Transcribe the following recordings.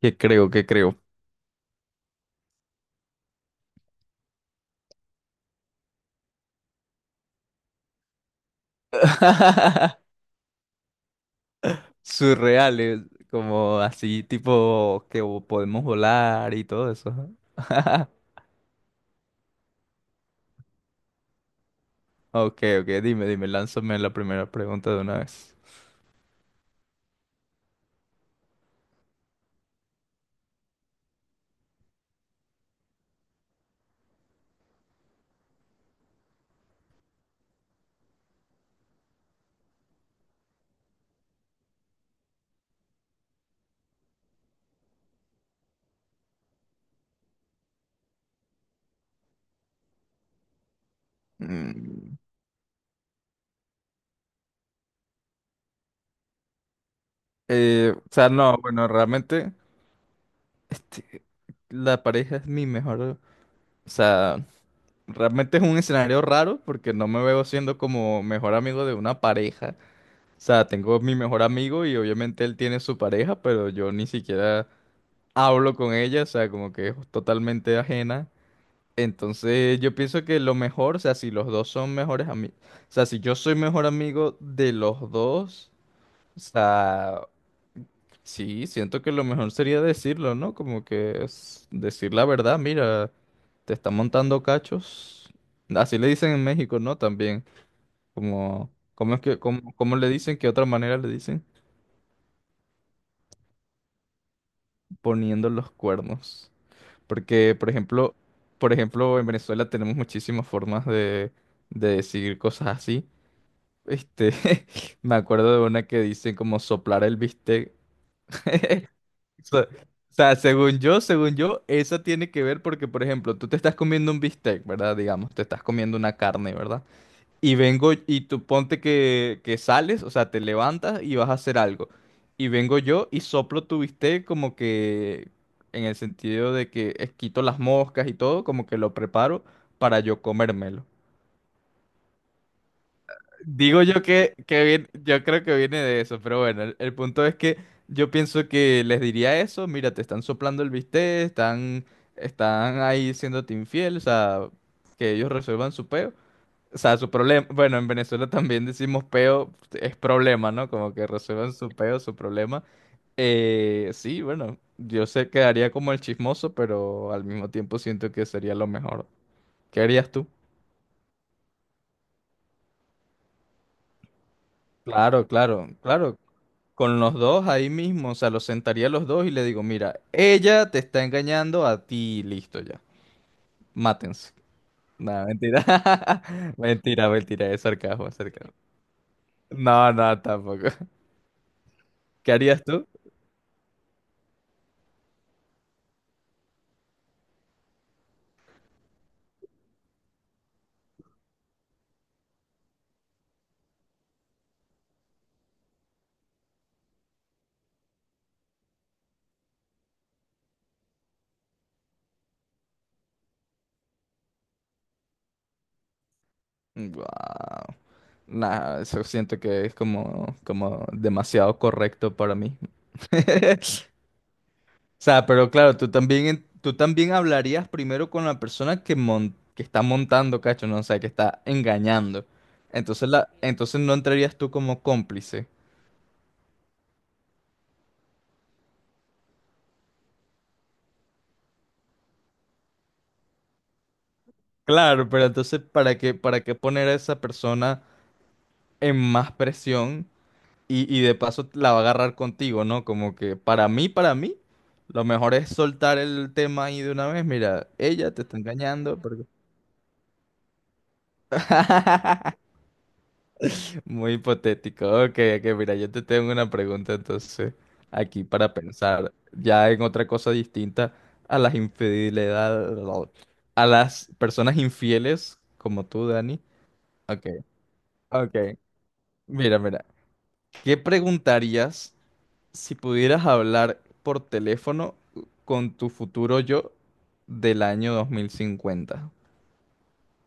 ¿Qué creo? ¿Qué creo? Surreales, como así tipo que podemos volar y todo eso. Ok, ok, dime, lánzame la primera pregunta de una vez. Mm, o sea, no, bueno, realmente este, la pareja es mi mejor, o sea, realmente es un escenario raro porque no me veo siendo como mejor amigo de una pareja. O sea, tengo mi mejor amigo y obviamente él tiene su pareja, pero yo ni siquiera hablo con ella, o sea, como que es totalmente ajena. Entonces yo pienso que lo mejor, o sea, si los dos son mejores amigos, o sea, si yo soy mejor amigo de los dos, o sea, sí, siento que lo mejor sería decirlo, ¿no? Como que es decir la verdad, mira, te está montando cachos. Así le dicen en México, ¿no? También, como, ¿cómo es que, cómo, cómo le dicen? ¿Qué otra manera le dicen? Poniendo los cuernos. Porque, por ejemplo, en Venezuela tenemos muchísimas formas de decir cosas así. Este, me acuerdo de una que dicen como soplar el bistec. O sea, según yo, esa tiene que ver porque, por ejemplo, tú te estás comiendo un bistec, ¿verdad? Digamos, te estás comiendo una carne, ¿verdad? Y vengo y tú ponte que sales, o sea, te levantas y vas a hacer algo. Y vengo yo y soplo tu bistec como que en el sentido de que quito las moscas y todo, como que lo preparo para yo comérmelo. Digo yo yo creo que viene de eso, pero bueno, el punto es que yo pienso que les diría eso, mira, te están soplando el bistec, están, están ahí siéndote infiel, o sea, que ellos resuelvan su peo. O sea, su problema, bueno, en Venezuela también decimos peo, es problema, ¿no? Como que resuelvan su peo, su problema. Sí, bueno, yo sé quedaría como el chismoso, pero al mismo tiempo siento que sería lo mejor. ¿Qué harías tú? Claro. Con los dos ahí mismo, o sea, los sentaría a los dos y le digo, mira, ella te está engañando a ti, listo ya, mátense. No, mentira. Mentira, es sarcasmo, es sarcasmo. No, no, tampoco. ¿Qué harías tú? Guau. Nah, eso siento que es como, como demasiado correcto para mí. O sea, pero claro, tú también hablarías primero con la persona que, que está montando, cacho, no, o sea, que está engañando. Entonces, la, entonces no entrarías tú como cómplice. Claro, pero entonces, ¿para qué poner a esa persona en más presión? Y de paso la va a agarrar contigo, ¿no? Como que para mí, lo mejor es soltar el tema ahí de una vez. Mira, ella te está engañando. Muy hipotético. Ok, ok, mira, yo te tengo una pregunta entonces aquí para pensar ya en otra cosa distinta a las infidelidades, a las personas infieles como tú, Dani. Ok, ok. Mira, ¿qué preguntarías? Si pudieras hablar por teléfono con tu futuro yo del año 2050,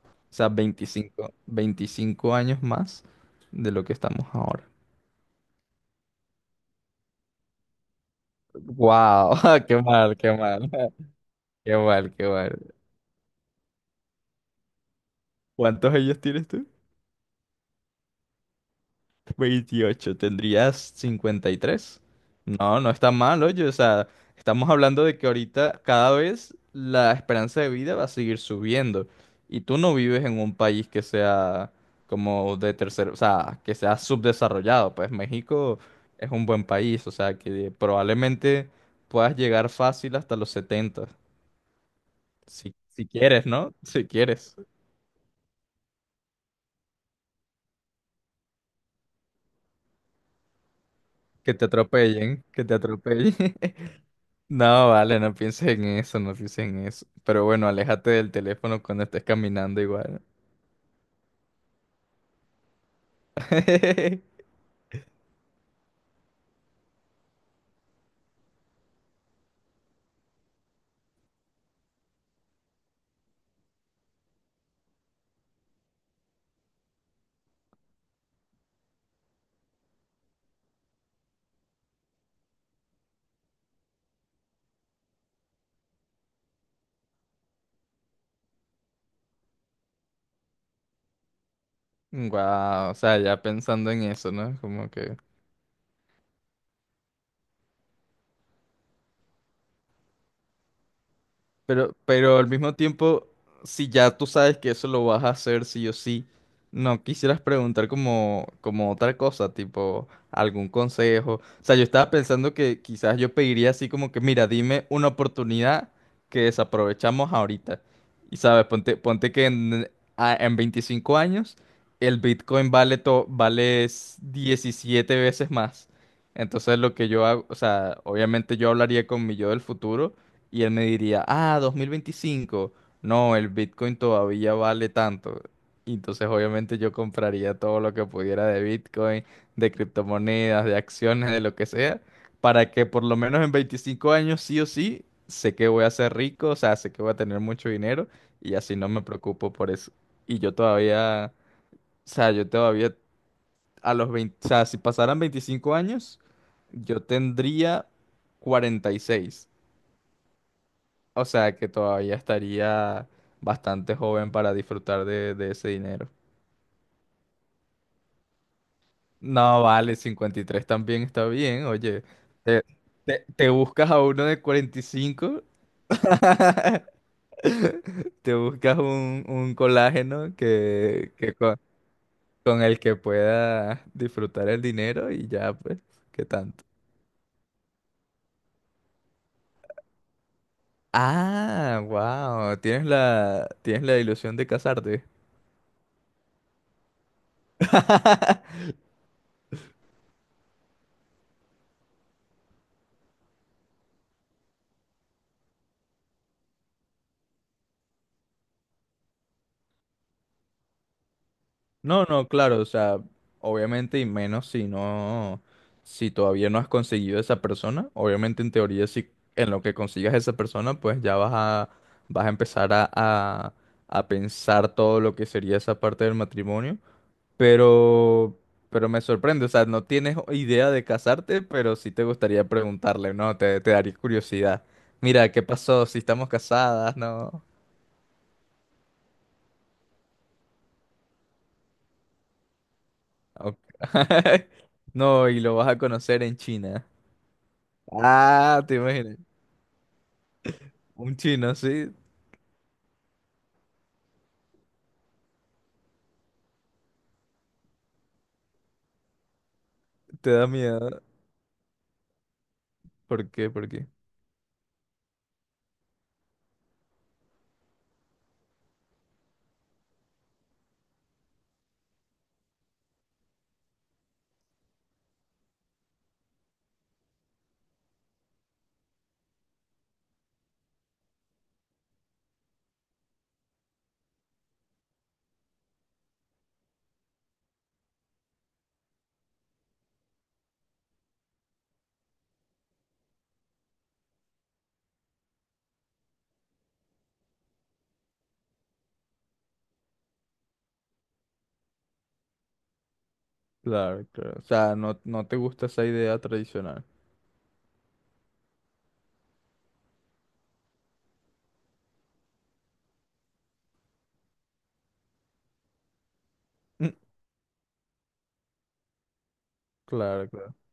o sea, 25 años más de lo que estamos ahora. ¡Wow! ¡Qué mal! ¡Qué mal! ¿Cuántos años tienes tú? 28 tendrías 53. No, no está mal, oye, o sea, estamos hablando de que ahorita cada vez la esperanza de vida va a seguir subiendo y tú no vives en un país que sea como de tercer, o sea, que sea subdesarrollado, pues México es un buen país, o sea, que probablemente puedas llegar fácil hasta los 70 si, si quieres, ¿no? Si quieres, que te atropellen. No, vale, no pienses en eso. Pero bueno, aléjate del teléfono cuando estés caminando igual. Wow, o sea, ya pensando en eso, ¿no? Como que... pero al mismo tiempo, si ya tú sabes que eso lo vas a hacer sí o sí, no quisieras preguntar como, como otra cosa, tipo algún consejo. O sea, yo estaba pensando que quizás yo pediría así como que, mira, dime una oportunidad que desaprovechamos ahorita. Y sabes, ponte, ponte que en, a- en 25 años el Bitcoin vale 17 veces más. Entonces lo que yo hago, o sea, obviamente yo hablaría con mi yo del futuro y él me diría, ah, 2025. No, el Bitcoin todavía vale tanto. Y entonces obviamente yo compraría todo lo que pudiera de Bitcoin, de criptomonedas, de acciones, de lo que sea, para que por lo menos en 25 años sí o sí, sé que voy a ser rico, o sea, sé que voy a tener mucho dinero y así no me preocupo por eso. Y yo todavía, yo todavía a los 20 o sea, si pasaran 25 años, yo tendría 46. O sea que todavía estaría bastante joven para disfrutar de ese dinero. No, vale, 53 también está bien, oye. Te, te buscas a uno de 45, te buscas un colágeno con, el que puedas disfrutar el dinero y ya, pues, ¿qué tanto? Ah, wow, tienes tienes la ilusión de casarte. No, no, claro, o sea, obviamente y menos si no, si todavía no has conseguido esa persona, obviamente en teoría si en lo que consigas esa persona, pues ya vas a, vas a empezar a pensar todo lo que sería esa parte del matrimonio, pero, pero me sorprende, o sea, no tienes idea de casarte, pero sí te gustaría preguntarle, ¿no? Te daría curiosidad. Mira, ¿qué pasó? Si estamos casadas, ¿no? Ok. No, y lo vas a conocer en China. Ah, te imaginas. Un chino así te da miedo. ¿Por qué? ¿Por qué? Claro, claro. O sea, no, no te gusta esa idea tradicional. Claro, claro.